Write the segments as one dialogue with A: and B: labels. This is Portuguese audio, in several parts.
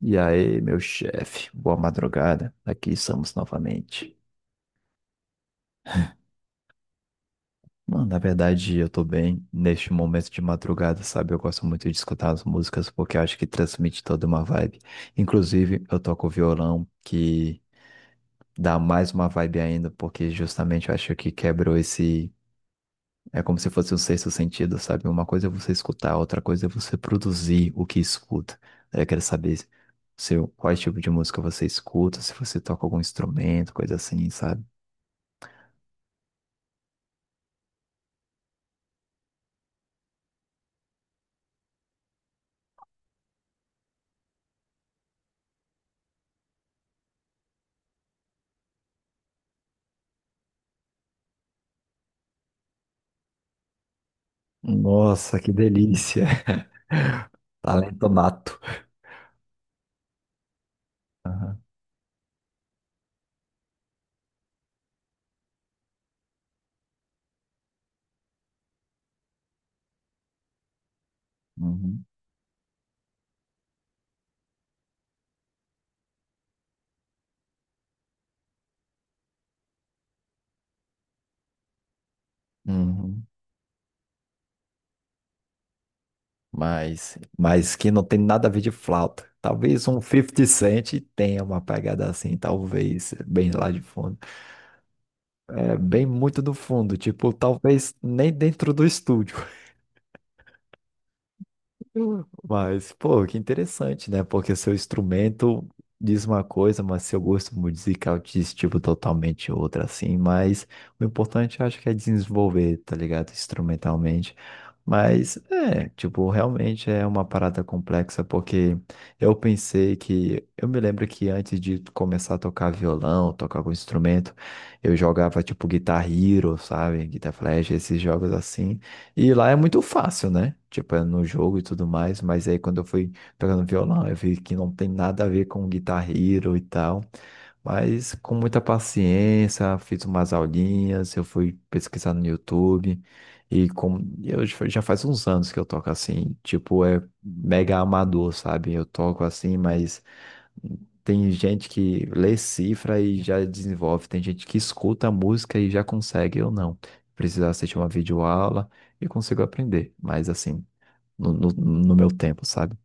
A: E aí, meu chefe, boa madrugada. Aqui estamos novamente. Mano, na verdade, eu tô bem neste momento de madrugada, sabe? Eu gosto muito de escutar as músicas porque eu acho que transmite toda uma vibe. Inclusive, eu toco violão, que dá mais uma vibe ainda, porque justamente eu acho que quebrou esse. É como se fosse um sexto sentido, sabe? Uma coisa é você escutar, outra coisa é você produzir o que escuta. Daí eu quero saber qual tipo de música você escuta, se você toca algum instrumento, coisa assim, sabe? Nossa, que delícia. Talento nato. Aham. Uhum. Uhum. Mas que não tem nada a ver de flauta. Talvez um 50 Cent tenha uma pegada assim, talvez, bem lá de fundo. É bem muito do fundo, tipo, talvez nem dentro do estúdio. Mas, pô, que interessante, né? Porque seu instrumento diz uma coisa, mas seu gosto musical diz, tipo, totalmente outra, assim. Mas o importante, eu acho que é desenvolver, tá ligado? Instrumentalmente. Mas, é, tipo, realmente é uma parada complexa, porque eu pensei que... Eu me lembro que antes de começar a tocar violão, tocar algum instrumento, eu jogava, tipo, Guitar Hero, sabe? Guitar Flash, esses jogos assim. E lá é muito fácil, né? Tipo, é no jogo e tudo mais, mas aí quando eu fui pegando violão, eu vi que não tem nada a ver com Guitar Hero e tal. Mas com muita paciência, fiz umas aulinhas, eu fui pesquisar no YouTube. E como eu já faz uns anos que eu toco assim, tipo, é mega amador, sabe? Eu toco assim, mas tem gente que lê cifra e já desenvolve, tem gente que escuta a música e já consegue, eu não. Preciso assistir uma videoaula e consigo aprender, mas assim, no meu tempo, sabe?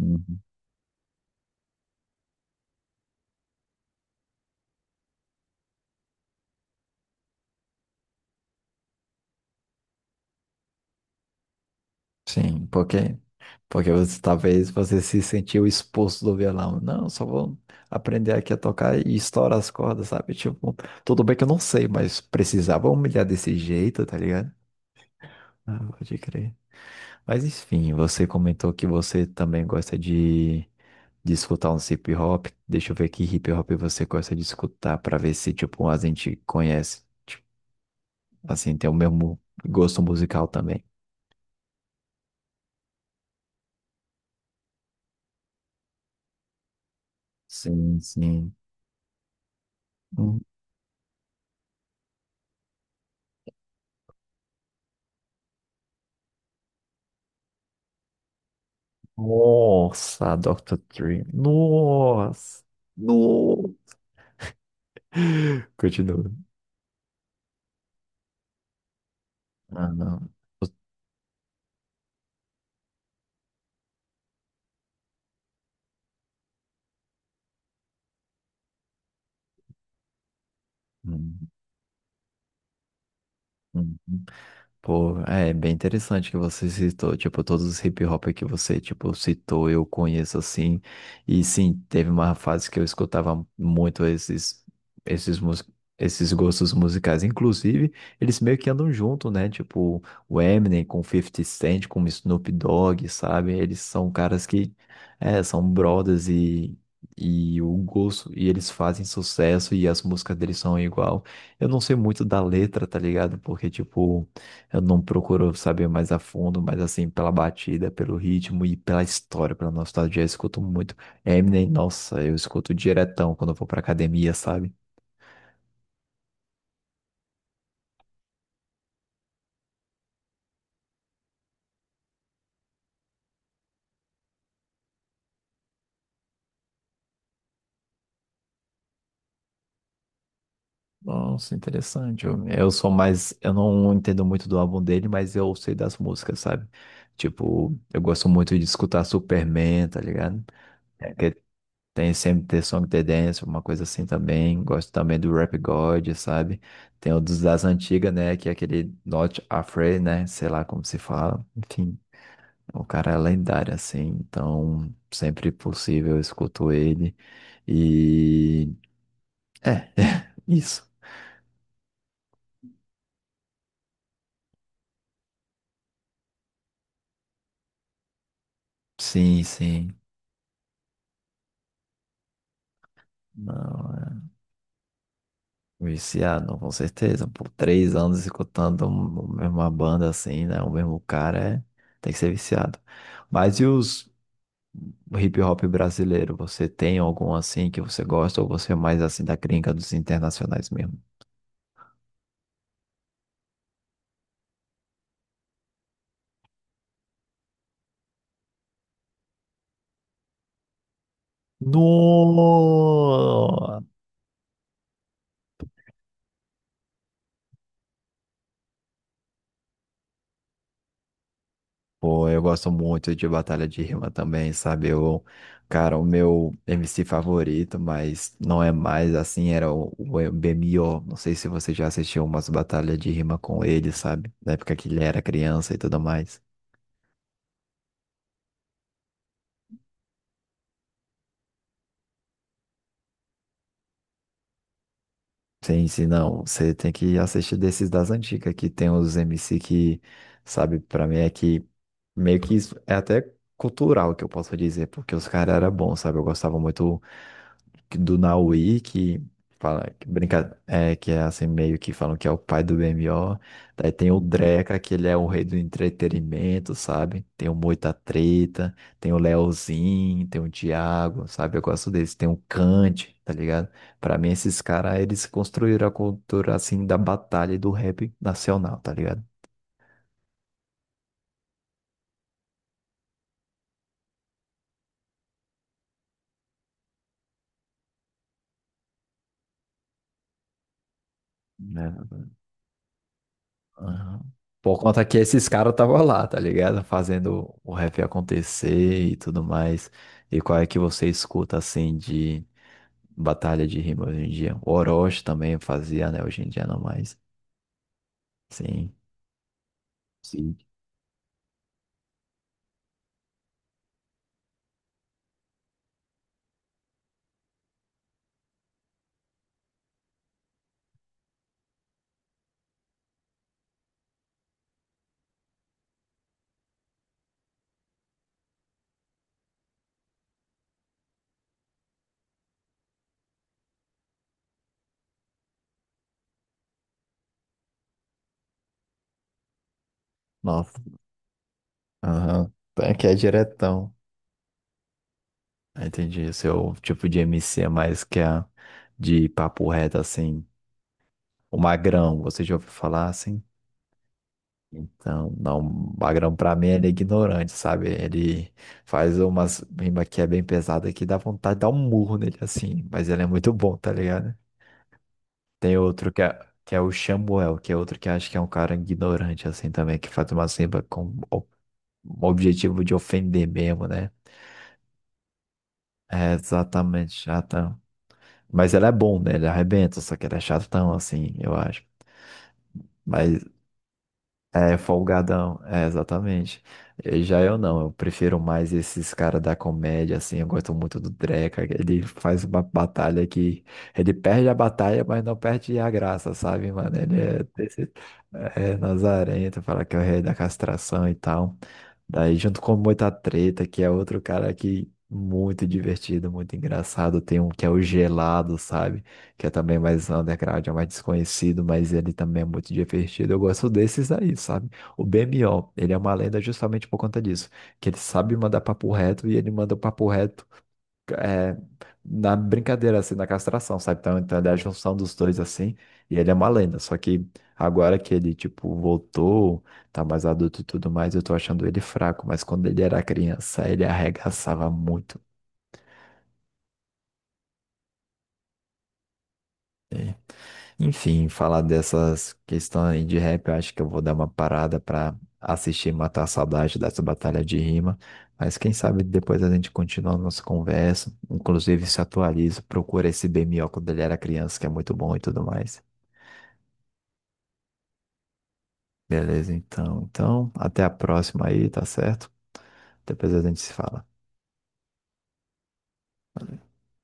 A: Uhum. Sim, porque, porque você, talvez você se sentiu expulso do violão. Não, só vou aprender aqui a tocar e estourar as cordas, sabe? Tipo, tudo bem que eu não sei, mas precisava humilhar desse jeito, tá ligado? Ah, pode crer. Mas enfim, você comentou que você também gosta de escutar um hip hop. Deixa eu ver que hip hop você gosta de escutar para ver se tipo a gente conhece, tipo, assim, tem o mesmo gosto musical também. Sim, sim. Hum. Nossa, Dr. Dre. Nossa. No. Continua. Ah, não. Hum, hum. Pô, é bem interessante que você citou, tipo, todos os hip hop que você, tipo, citou, eu conheço assim, e sim, teve uma fase que eu escutava muito esses, mus- esses gostos musicais, inclusive, eles meio que andam junto, né, tipo, o Eminem com 50 Cent, com o Snoop Dogg, sabe, eles são caras que, é, são brothers e... E o gosto, e eles fazem sucesso e as músicas deles são igual. Eu não sei muito da letra, tá ligado? Porque, tipo, eu não procuro saber mais a fundo, mas assim, pela batida, pelo ritmo e pela história, pela nostalgia, eu escuto muito. Eminem, nossa, eu escuto diretão quando eu vou pra academia, sabe? Nossa, interessante. Eu sou mais. Eu não entendo muito do álbum dele, mas eu sei das músicas, sabe? Tipo, eu gosto muito de escutar Superman, tá ligado? Tem sempre The Song The Dance, uma coisa assim também. Gosto também do Rap God, sabe? Tem o dos das antigas, né? Que é aquele Not Afraid, né? Sei lá como se fala. Enfim, o cara é lendário, assim. Então, sempre possível, eu escuto ele. E... É, isso. Sim, sim. Não, é. Um viciado, com certeza. Por três anos escutando uma mesma banda assim, né? O mesmo cara, é... tem que ser viciado. Mas e os... hip hop brasileiro, você tem algum assim que você gosta ou você é mais assim da gringa dos internacionais mesmo? No! Pô, eu gosto muito de Batalha de Rima também, sabe? Eu, cara, o meu MC favorito, mas não é mais assim, era o BMO. Não sei se você já assistiu umas batalhas de rima com ele, sabe? Na época que ele era criança e tudo mais. Sim, sim, não. Você tem que assistir desses das antigas, que tem os MC que, sabe, pra mim é que meio que isso é até cultural que eu posso dizer, porque os caras eram bons, sabe? Eu gostava muito do Naui, que fala, que brinca, é, que é assim, meio que falam que é o pai do BMO. Daí tem o Dreca, que ele é o rei do entretenimento, sabe? Tem o Moita Treta, tem o Leozinho, tem o Thiago, sabe? Eu gosto desse. Tem o Kant, tá ligado? Pra mim, esses caras, eles construíram a cultura, assim, da batalha e do rap nacional, tá ligado? Né? Aham. Por conta que esses caras estavam lá, tá ligado? Fazendo o rap acontecer e tudo mais. E qual é que você escuta, assim, de batalha de rima hoje em dia? O Orochi também fazia, né? Hoje em dia não mais. Sim. Sim. Nossa. Aham. Então, que é diretão. Entendi. O seu tipo de MC é mais que a de papo reto, assim. O Magrão, você já ouviu falar assim? Então, não, o Magrão pra mim ele é ignorante, sabe? Ele faz umas rima que é bem pesada que dá vontade de dar um murro nele assim, mas ele é muito bom, tá ligado? Tem outro que é o Samuel, que é outro que acho que é um cara ignorante assim também, que faz uma rima com o objetivo de ofender mesmo, né? É exatamente, chatão. Mas ele é bom, né? Ele arrebenta, só que ele é chatão assim, eu acho. Mas é, folgadão, é, exatamente. Já eu não, eu prefiro mais esses caras da comédia, assim, eu gosto muito do Dreka, que ele faz uma batalha que ele perde a batalha, mas não perde a graça, sabe, mano? Ele é, desse, é nazarento, fala que é o rei da castração e tal. Daí, junto com muita Treta, que é outro cara que muito divertido, muito engraçado, tem um que é o Gelado, sabe? Que é também mais underground, é mais desconhecido, mas ele também é muito divertido. Eu gosto desses aí, sabe? O BMO, ele é uma lenda justamente por conta disso, que ele sabe mandar papo reto e ele manda o papo reto é, na brincadeira, assim, na castração, sabe? Então, então ele é a junção dos dois, assim, e ele é uma lenda. Só que agora que ele, tipo, voltou, tá mais adulto e tudo mais, eu tô achando ele fraco, mas quando ele era criança, ele arregaçava muito. Enfim, falar dessas questões de rap, eu acho que eu vou dar uma parada para assistir e matar a saudade dessa batalha de rima. Mas quem sabe depois a gente continua a nossa conversa. Inclusive, se atualiza, procura esse BMO quando ele era criança, que é muito bom e tudo mais. Beleza, então. Então, até a próxima aí, tá certo? Depois a gente se fala.